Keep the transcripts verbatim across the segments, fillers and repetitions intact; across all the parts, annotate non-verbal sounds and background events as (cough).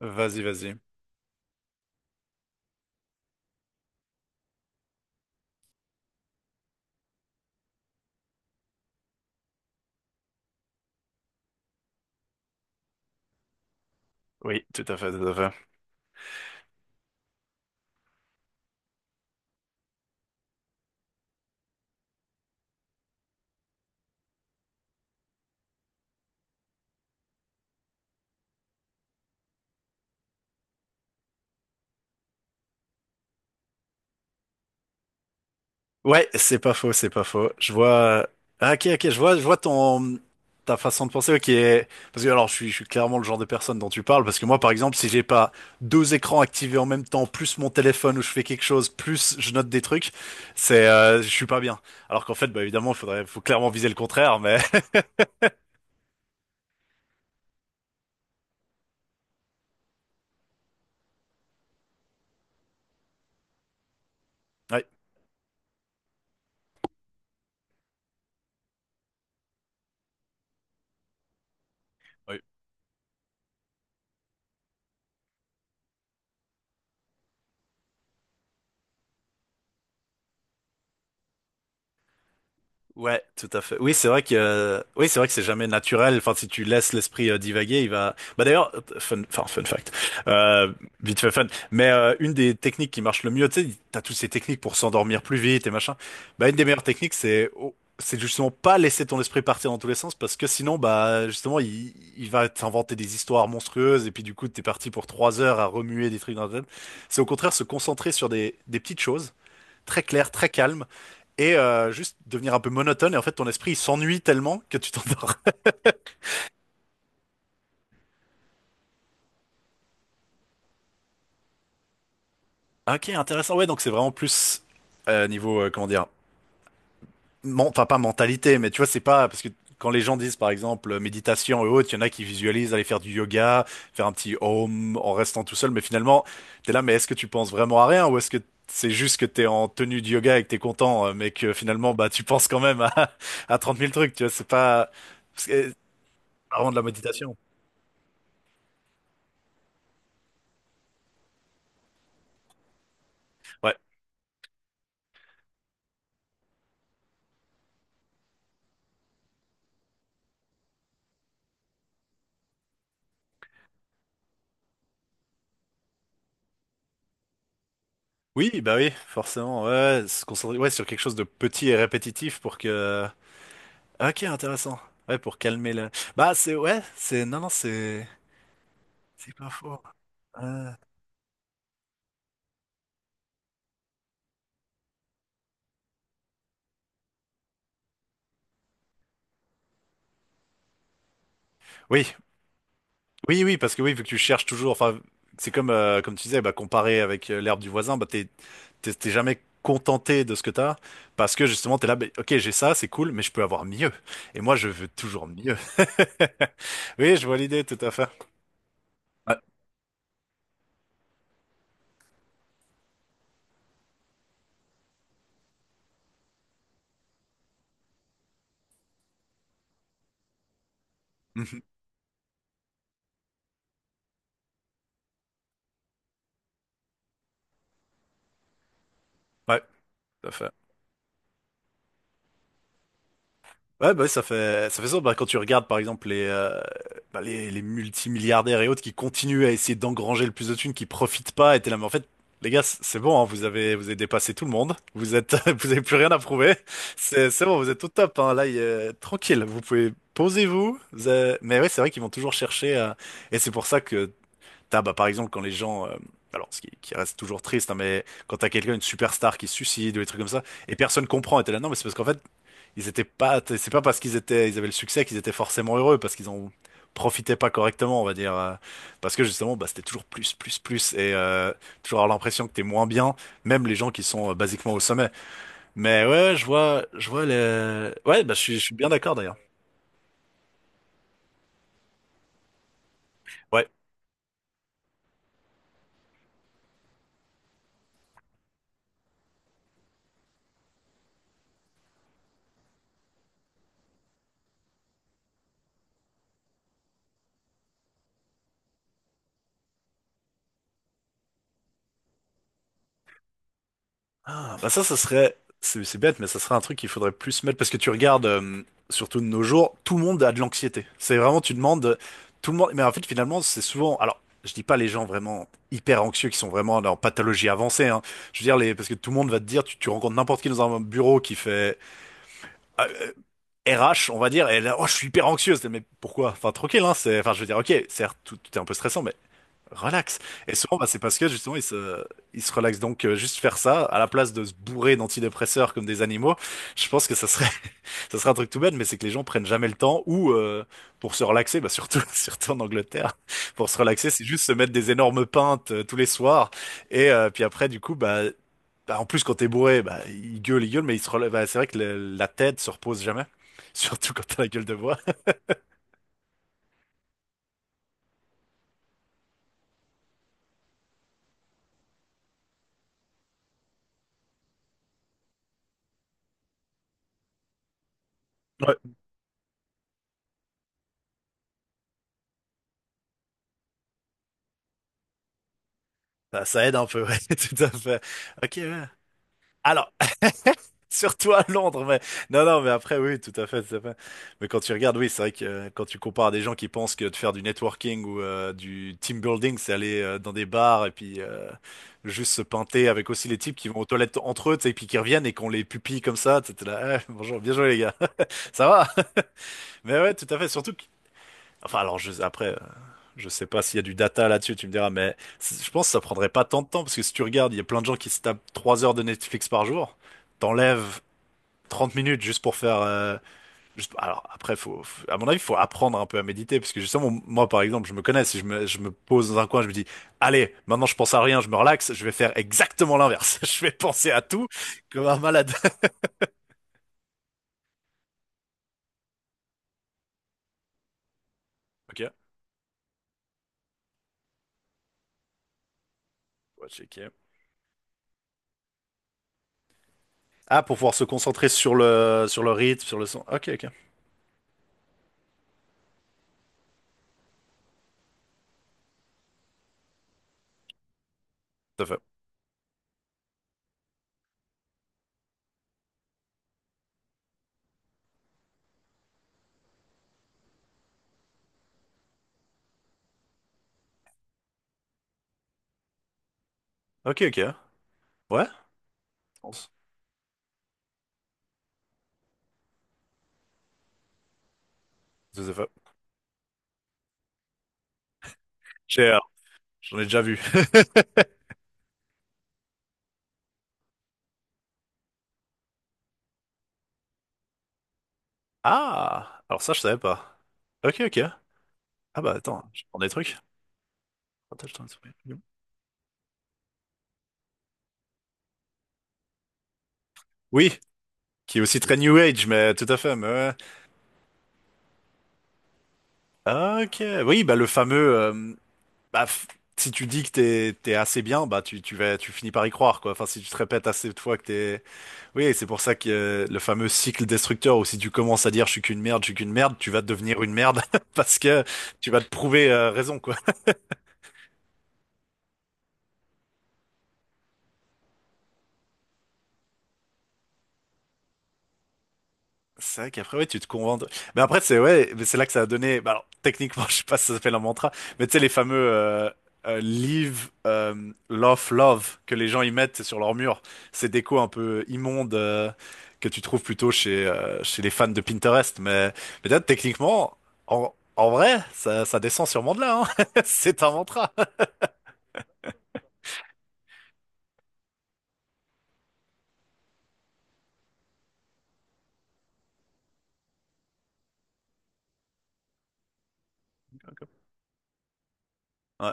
Vas-y, vas-y. Oui, tout à fait, tout à fait. Ouais, c'est pas faux, c'est pas faux. Je vois. Ah, ok, ok, je vois, je vois ton ta façon de penser. Ok, parce que alors, je suis, je suis clairement le genre de personne dont tu parles. Parce que moi, par exemple, si j'ai pas deux écrans activés en même temps, plus mon téléphone où je fais quelque chose, plus je note des trucs, c'est, euh, je suis pas bien. Alors qu'en fait, bah évidemment, il faudrait, faut clairement viser le contraire. Mais (laughs) ouais, ouais. Ouais, tout à fait. Oui, c'est vrai que euh, oui, c'est vrai que c'est jamais naturel. Enfin, si tu laisses l'esprit euh, divaguer, il va. Bah d'ailleurs, fun, enfin fun fact, euh, vite fait fun. Mais euh, une des techniques qui marche le mieux, tu sais, t'as toutes ces techniques pour s'endormir plus vite et machin. Bah une des meilleures techniques, c'est oh, c'est justement pas laisser ton esprit partir dans tous les sens parce que sinon, bah justement, il, il va t'inventer des histoires monstrueuses et puis du coup, t'es parti pour trois heures à remuer des trucs dans la tête. C'est au contraire se concentrer sur des des petites choses très claires, très calmes et euh, juste devenir un peu monotone et en fait ton esprit il s'ennuie tellement que tu t'endors. (laughs) Ok, intéressant. Ouais, donc c'est vraiment plus euh, niveau euh, comment dire, men- enfin pas mentalité, mais tu vois c'est pas parce que quand les gens disent par exemple euh, méditation et autres, il y en a qui visualisent aller faire du yoga, faire un petit home en restant tout seul, mais finalement t'es là, mais est-ce que tu penses vraiment à rien ou est-ce que c'est juste que t'es en tenue de yoga et que t'es content, euh, mais que finalement bah tu penses quand même à, (laughs) à trente mille trucs, tu vois, c'est pas c'est pas vraiment de la méditation. Ouais. Oui, bah oui, forcément. Ouais, se concentrer ouais, sur quelque chose de petit et répétitif pour que. Ah, ok, intéressant. Ouais, pour calmer la. Bah c'est ouais, c'est non non c'est c'est pas faux. Euh, Oui, oui oui parce que oui vu que tu cherches toujours. Enfin c'est comme euh, comme tu disais bah comparer avec euh, l'herbe du voisin bah t'es t'es t'es jamais contenté de ce que t'as parce que justement t'es là bah, ok j'ai ça c'est cool mais je peux avoir mieux et moi je veux toujours mieux. (laughs) Oui je vois l'idée tout à fait. Ouais, (laughs) mhm. Ouais, tout à fait. Ouais, bah, ouais, ça fait, ça fait ça. Bah, quand tu regardes, par exemple, les, euh, bah, les, les multimilliardaires et autres qui continuent à essayer d'engranger le plus de thunes, qui profitent pas, et t'es là, mais en fait, les gars, c- c'est bon, hein, vous avez, vous avez dépassé tout le monde. Vous êtes, (laughs) vous avez plus rien à prouver. C'est, c'est bon, vous êtes au top, hein. Là, il y a- tranquille. Vous pouvez, posez-vous. Vous avez- Mais ouais, c'est vrai qu'ils vont toujours chercher, à- et c'est pour ça que t'as, bah, par exemple, quand les gens, euh, alors, ce qui, qui reste toujours triste, hein, mais quand t'as quelqu'un, une superstar qui se suicide ou des trucs comme ça, et personne comprend, et t'es là, non, mais c'est parce qu'en fait, ils étaient pas, c'est pas parce qu'ils étaient, ils avaient le succès qu'ils étaient forcément heureux, parce qu'ils en profitaient pas correctement, on va dire, euh, parce que justement, bah, c'était toujours plus, plus, plus, et euh, toujours avoir l'impression que t'es moins bien, même les gens qui sont euh, basiquement au sommet. Mais ouais, je vois, je vois les, ouais, bah, je suis, je suis bien d'accord d'ailleurs. Ouais, ah, bah ça, ça serait, c'est c'est bête, mais ça serait un truc qu'il faudrait plus mettre parce que tu regardes, euh, surtout de nos jours, tout le monde a de l'anxiété. C'est vraiment, tu demandes, euh, tout le monde, mais en fait, finalement, c'est souvent, alors, je dis pas les gens vraiment hyper anxieux qui sont vraiment en pathologie avancée, hein. Je veux dire, les, parce que tout le monde va te dire, tu, tu rencontres n'importe qui dans un bureau qui fait, euh, euh, R H, on va dire, et là, oh, je suis hyper anxieuse. Mais pourquoi? Enfin, tranquille, hein, c'est, enfin, je veux dire, ok, certes, tout, tout est un peu stressant, mais relax. Et souvent, bah, c'est parce que justement, ils se, ils se relaxent. Donc, euh, juste faire ça, à la place de se bourrer d'antidépresseurs comme des animaux, je pense que ça serait, (laughs) ça serait un truc tout bête, mais c'est que les gens prennent jamais le temps ou euh, pour se relaxer, bah, surtout, (laughs) surtout en Angleterre, pour se relaxer, c'est juste se mettre des énormes pintes euh, tous les soirs. Et euh, puis après, du coup, bah, bah, en plus, quand t'es bourré, bah, ils gueulent, ils gueulent, mais ils se relèvent. Bah, c'est vrai que le- la tête se repose jamais, (laughs) surtout quand t'as la gueule de bois. Ouais. Bah, ça aide un peu, ouais, (laughs) tout à fait. Ok, ouais. Alors, (laughs) surtout à Londres, mais non, non, mais après, oui, tout à fait, tout à fait. Mais quand tu regardes, oui, c'est vrai que euh, quand tu compares à des gens qui pensent que de faire du networking ou euh, du team building, c'est aller euh, dans des bars et puis euh, juste se pinter avec aussi les types qui vont aux toilettes entre eux, tu sais, et puis qui reviennent et qu'on les pupille comme ça, tu sais, t'es là, eh, bonjour, bien joué les gars, (laughs) ça va? (laughs) Mais ouais, tout à fait, surtout que... Enfin, alors, je, après, euh, je sais pas s'il y a du data là-dessus, tu me diras, mais c- je pense que ça prendrait pas tant de temps, parce que si tu regardes, il y a plein de gens qui se tapent 3 heures de Netflix par jour, t'enlèves trente minutes juste pour faire. euh, juste- Alors après, faut, faut- à mon avis, il faut apprendre un peu à méditer parce que justement, moi par exemple, je me connais. Si je me, je me pose dans un coin, je me dis, allez, maintenant je pense à rien, je me relaxe, je vais faire exactement l'inverse. (laughs) Je vais penser à tout comme un malade. (laughs) Ok, on va checker. Ah, pour pouvoir se concentrer sur le, sur le rythme, sur le son. Ok, ok, tout à fait. Ok, ok. Ouais, je pense. Tout à fait. Cher, j'en ai déjà vu. (laughs) Ah, alors ça, je savais pas. Ok, ok. Ah bah attends, je prends des trucs. Partage ton esprit. Oui, qui est aussi très New Age, mais tout à fait. Mais ouais. Ah, ok. Oui, bah le fameux. euh, bah, f- si tu dis que t'es t'es assez bien, bah tu tu vas tu finis par y croire quoi. Enfin, si tu te répètes assez de fois que t'es. Oui, c'est pour ça que euh, le fameux cycle destructeur où si tu commences à dire je suis qu'une merde, je suis qu'une merde, tu vas devenir une merde (laughs) parce que tu vas te prouver euh, raison quoi. C'est vrai qu'après, ouais, tu te convaincs. De- Mais après, c'est ouais, mais c'est là que ça a donné. Bah, alors, techniquement, (laughs) je sais pas si ça s'appelle un mantra, mais tu sais, les fameux euh, euh, Leave euh, Love Love que les gens y mettent sur leur mur. Ces décos un peu immondes euh, que tu trouves plutôt chez, euh, chez les fans de Pinterest. Mais, mais là, techniquement, en, en vrai, ça, ça descend sûrement de là, hein. (laughs) C'est un mantra. (laughs) Ouais.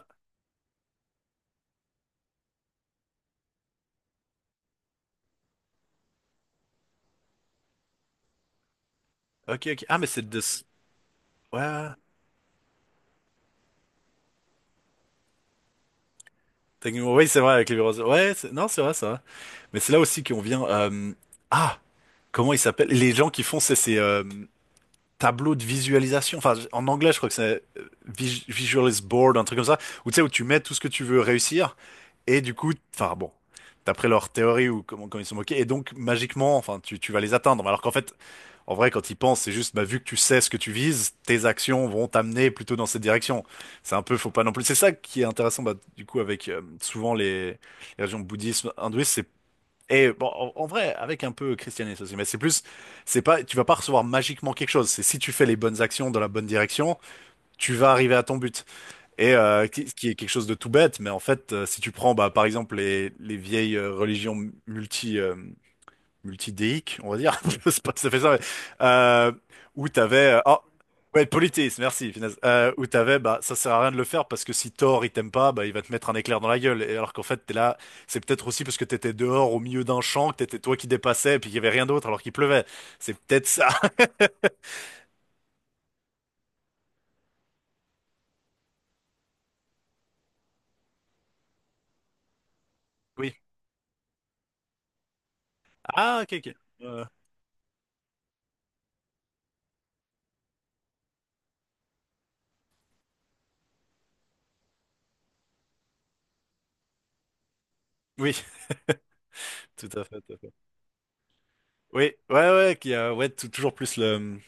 Ok, ok. Ah, mais c'est de. Ce- Ouais, ouais. Techniquement, oui, c'est vrai, avec les roses. Ouais, c'est- non, c'est vrai, ça. Mais c'est là aussi qu'on vient. euh, Ah! Comment ils s'appellent? Les gens qui font ces, ces euh, tableaux de visualisation. Enfin, en anglais, je crois que c'est euh, vis- Visualis Board, un truc comme ça. Où tu sais, où tu mets tout ce que tu veux réussir. Et du coup, enfin bon, d'après leur théorie ou comment, comment ils sont moqués. Et donc, magiquement, enfin, tu, tu vas les atteindre. Alors qu'en fait, en vrai, quand ils pensent, c'est juste, bah, vu que tu sais ce que tu vises, tes actions vont t'amener plutôt dans cette direction. C'est un peu, faut pas non plus. C'est ça qui est intéressant, bah, du coup, avec euh, souvent les, les religions bouddhistes, hindouistes, et bon, en, en vrai, avec un peu christianisme aussi, mais c'est plus, c'est pas, tu vas pas recevoir magiquement quelque chose. C'est si tu fais les bonnes actions dans la bonne direction, tu vas arriver à ton but. Et euh, qui, ce qui est quelque chose de tout bête, mais en fait, euh, si tu prends, bah, par exemple, les, les vieilles euh, religions multi, euh, multidéique, on va dire. (laughs) Je sais pas si ça fait ça, mais, euh, où t'avais, euh, oh, ouais, politisme, merci, finesse. Euh, où t'avais, bah, ça sert à rien de le faire parce que si Thor, il t'aime pas, bah, il va te mettre un éclair dans la gueule. Et alors qu'en fait, t'es là, c'est peut-être aussi parce que t'étais dehors au milieu d'un champ, que t'étais toi qui dépassais, puis qu'il y avait rien d'autre alors qu'il pleuvait. C'est peut-être ça. (laughs) Oui. Ah, ok, ok. Euh, oui, (laughs) tout à fait, tout à fait. Oui, ouais, ouais, qui a, ouais, tou- toujours plus le,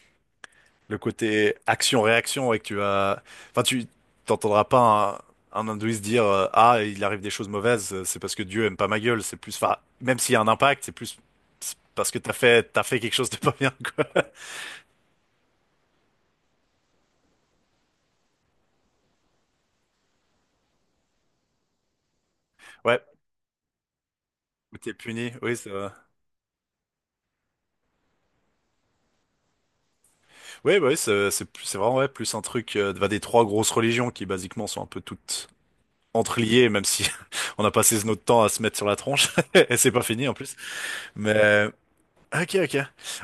le côté action-réaction et que tu vas, enfin, tu t'entendras pas un, un hindouiste dire euh, ah il arrive des choses mauvaises, euh, c'est parce que Dieu aime pas ma gueule. C'est plus, enfin, même s'il y a un impact, c'est plus c'est parce que t'as fait t'as fait quelque chose de pas bien quoi. (laughs) Ouais. Ou t'es puni, oui, c'est vrai. Oui, bah oui, c'est c'est plus- c'est vraiment ouais, plus un truc euh, bah, des trois grosses religions qui basiquement sont un peu toutes entreliées, même si (laughs) on a passé notre temps à se mettre sur la tronche (laughs) et c'est pas fini en plus. Mais ok, ok.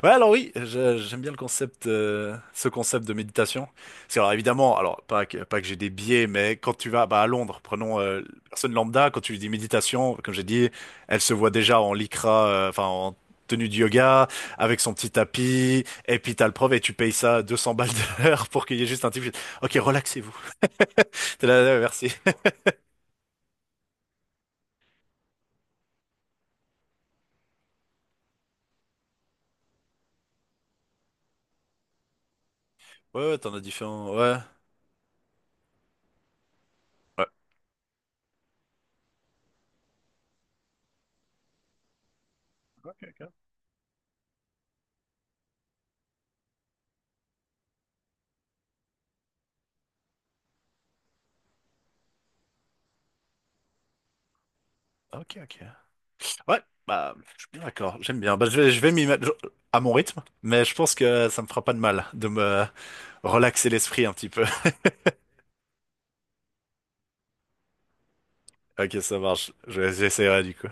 Ouais, alors oui, je- j'aime bien le concept, euh, ce concept de méditation. Parce que, alors évidemment, alors pas que, pas que j'ai des biais, mais quand tu vas bah, à Londres, prenons euh, personne lambda, quand tu lui dis méditation, comme j'ai dit, elle se voit déjà en lycra, euh, enfin en tenue de yoga, avec son petit tapis, et puis t'as le prof et tu payes ça 200 balles de l'heure pour qu'il y ait juste un type. Ok, relaxez-vous. (laughs) T'es là, ouais, merci. Ouais, ouais, t'en as différents. Ouais. Ouais. Ok, ok. Ouais, bah, je suis bien d'accord, j'aime bien. Bah, je vais, je vais m'y mettre je- à mon rythme, mais je pense que ça me fera pas de mal de me relaxer l'esprit un petit peu. (laughs) Ok, ça marche, je- j'essaierai du coup.